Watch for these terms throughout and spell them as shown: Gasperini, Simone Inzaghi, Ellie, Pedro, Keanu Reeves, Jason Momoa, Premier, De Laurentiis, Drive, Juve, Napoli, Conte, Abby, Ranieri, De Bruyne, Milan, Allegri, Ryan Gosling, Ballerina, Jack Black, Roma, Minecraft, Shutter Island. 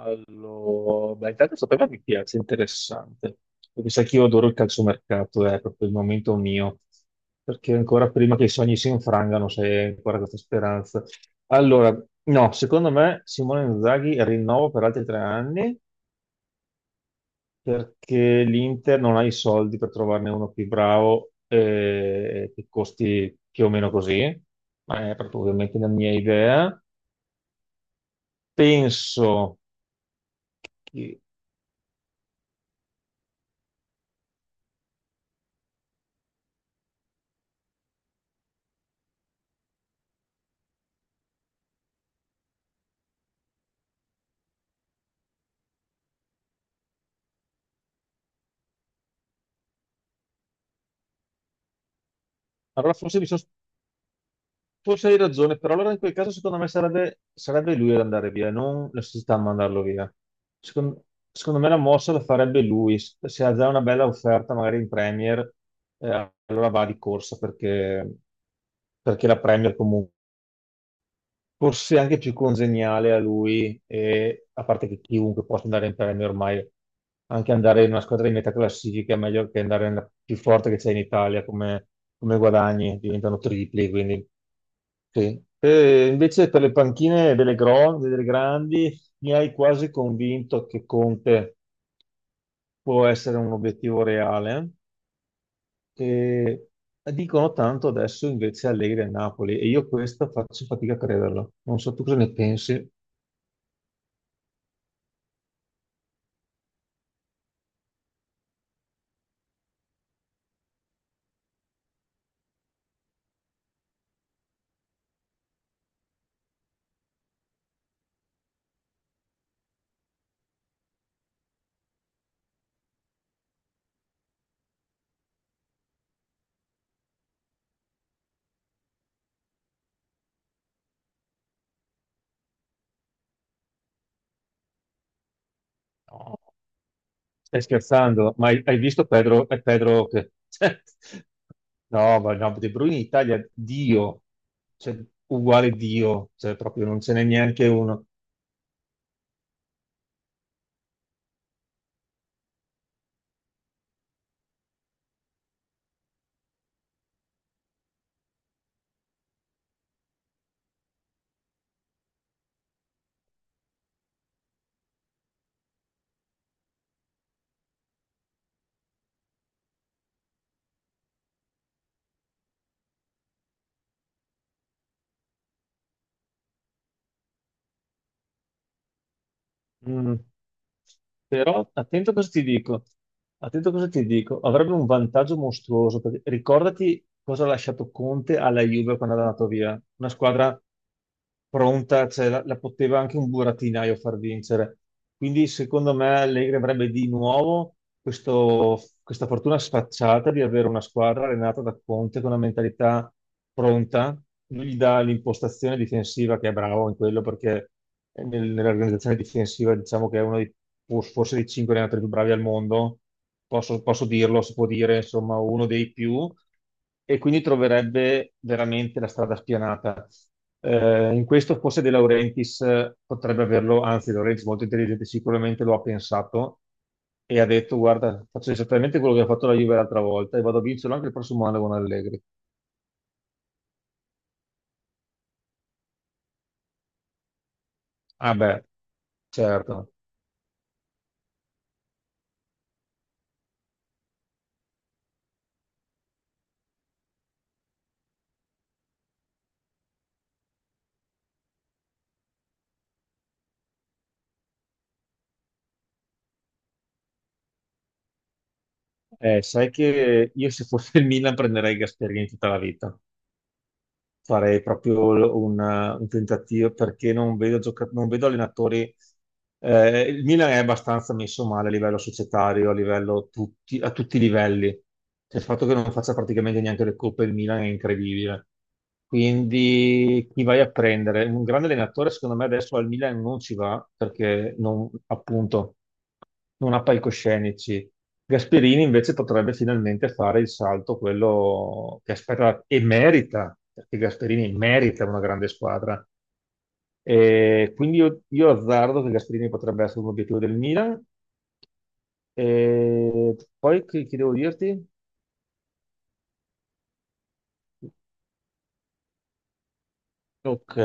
Allora, beh, intanto sapeva che piace, interessante. Perché sai che io adoro il calciomercato, è proprio il momento mio. Perché ancora prima che i sogni si infrangano, c'è ancora questa speranza. Allora, no, secondo me Simone Inzaghi rinnovo per altri 3 anni perché l'Inter non ha i soldi per trovarne uno più bravo che costi più o meno così. Ma è proprio ovviamente la mia idea. Penso che... Allora, forse mi sono Forse hai ragione, però allora in quel caso secondo me sarebbe lui ad andare via, non la società a mandarlo via. Secon- Secondo, me la mossa la farebbe lui, se ha già una bella offerta magari in Premier, allora va di corsa perché, perché la Premier comunque forse anche più congeniale a lui, e, a parte che chiunque possa andare in premio ormai, anche andare in una squadra di metà classifica è meglio che andare nella più forte che c'è in Italia come, come guadagni, diventano tripli, quindi sì. E invece per le panchine delle, delle grandi mi hai quasi convinto che Conte può essere un obiettivo reale. E dicono tanto adesso invece Allegri a Napoli e io questo faccio fatica a crederlo. Non so tu cosa ne pensi. No, stai scherzando, ma hai visto Pedro, Pedro che... cioè, no, ma no, De Bruyne in Italia, Dio, cioè, uguale Dio, cioè, proprio non ce n'è neanche uno. Mm. Però attento a cosa ti dico, attento a cosa ti dico, avrebbe un vantaggio mostruoso, perché ricordati cosa ha lasciato Conte alla Juve quando è andato via, una squadra pronta, cioè, la poteva anche un burattinaio far vincere, quindi secondo me Allegri avrebbe di nuovo questa fortuna sfacciata di avere una squadra allenata da Conte con una mentalità pronta, lui gli dà l'impostazione difensiva che è bravo in quello perché nell'organizzazione difensiva, diciamo che è uno dei forse dei cinque allenatori più bravi al mondo, posso dirlo, si può dire, insomma, uno dei più, e quindi troverebbe veramente la strada spianata. In questo forse De Laurentiis potrebbe averlo, anzi, De Laurentiis molto intelligente, sicuramente lo ha pensato e ha detto: guarda, faccio esattamente quello che ha fatto la Juve l'altra volta e vado a vincerlo anche il prossimo anno con Allegri. Ah, beh, certo. Sai che io se fossi il Milan prenderei Gasperini tutta la vita. Farei proprio un tentativo perché non vedo, non vedo allenatori. Il Milan è abbastanza messo male a livello societario, a livello tutti, a tutti i livelli. Cioè, il fatto che non faccia praticamente neanche le coppe il Milan è incredibile. Quindi chi vai a prendere? Un grande allenatore, secondo me, adesso al Milan non ci va perché non, appunto non ha palcoscenici. Gasperini invece potrebbe finalmente fare il salto, quello che aspetta e merita, perché Gasperini merita una grande squadra. E quindi io azzardo che Gasperini potrebbe essere un obiettivo del Milan. E poi che devo dirti? Ok.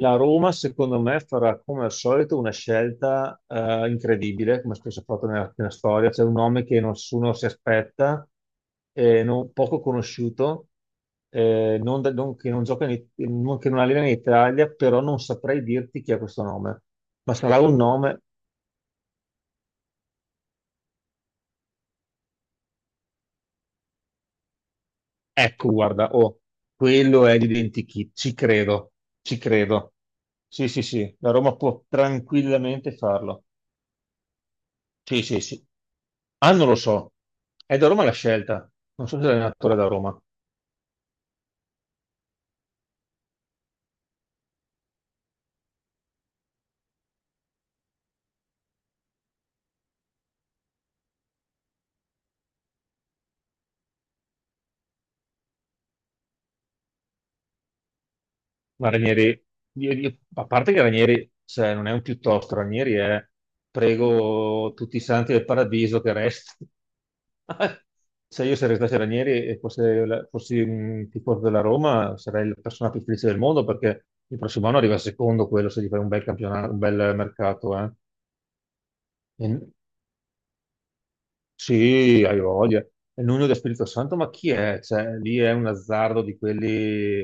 La Roma, secondo me, farà come al solito una scelta incredibile, come spesso ha fatto nella storia. C'è un nome che nessuno si aspetta, poco conosciuto, non da- non- che non gioca in, che non allena in Italia, però non saprei dirti chi è questo nome. Ma sarà un nome, ecco, guarda, oh, quello è l'identikit, ci credo, ci credo. Sì, sì, sì, la Roma può tranquillamente farlo. Sì, sì, sì. Ah, non lo so. È da Roma la scelta. Non so se l'allenatore è da Roma. Ma Ranieri, a parte che Ranieri, cioè, non è un piuttosto, Ranieri è prego tutti i santi del paradiso che resti. Se io sarei stato Ranieri e fossi un tifoso della Roma, sarei la persona più felice del mondo perché il prossimo anno arriva secondo quello se gli fai un bel campionato, un bel mercato, eh. E sì, hai voglia. È il nonno dello Spirito Santo, ma chi è? Cioè, lì è un azzardo di quelli,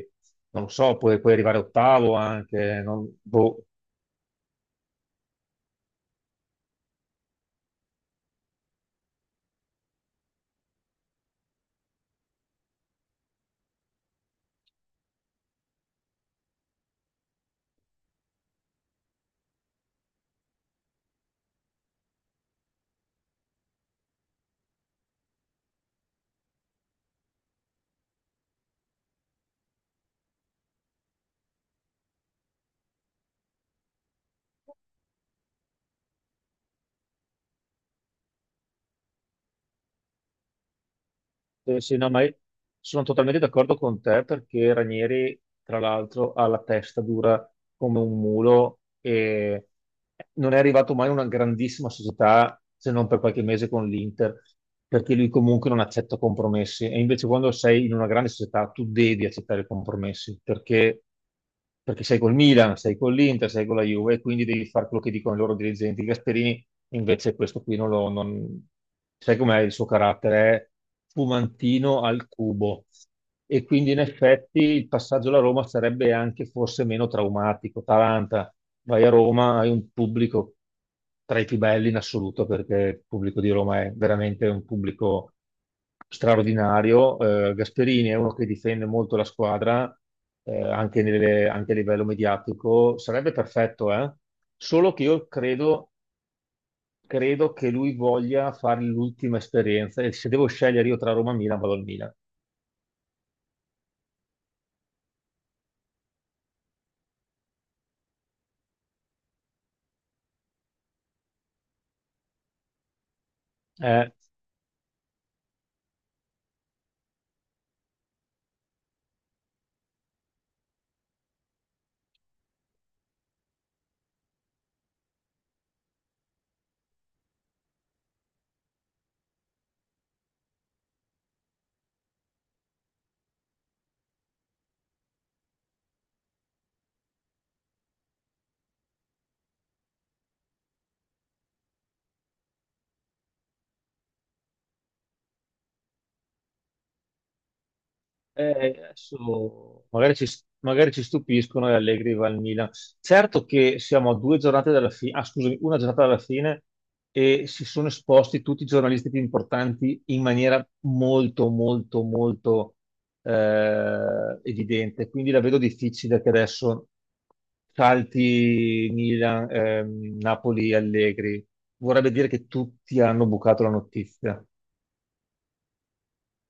non lo so, puoi arrivare ottavo anche. Non- boh. Sì, no, ma io sono totalmente d'accordo con te perché Ranieri, tra l'altro, ha la testa dura come un mulo e non è arrivato mai in una grandissima società se non per qualche mese con l'Inter, perché lui comunque non accetta compromessi. E invece quando sei in una grande società tu devi accettare compromessi perché, perché sei col Milan, sei con l'Inter, sei con la Juve, e quindi devi fare quello che dicono i loro dirigenti. Gasperini invece questo qui non lo... non- Sai com'è il suo carattere? È fumantino al cubo. E quindi in effetti il passaggio alla Roma sarebbe anche forse meno traumatico. Taranta, vai a Roma, hai un pubblico tra i più belli in assoluto, perché il pubblico di Roma è veramente un pubblico straordinario. Gasperini è uno che difende molto la squadra, anche, anche a livello mediatico. Sarebbe perfetto, eh? Solo che io credo, che lui voglia fare l'ultima esperienza e se devo scegliere io tra Roma e Milan, vado al Milan. Eh, Eh, adesso magari ci, magari ci stupiscono e Allegri va al Milan. Certo che siamo a 2 giornate dalla fine, ah, scusami, una giornata dalla fine e si sono esposti tutti i giornalisti più importanti in maniera molto, molto, molto evidente. Quindi la vedo difficile che adesso salti Milan, Napoli, Allegri. Vorrebbe dire che tutti hanno bucato la notizia.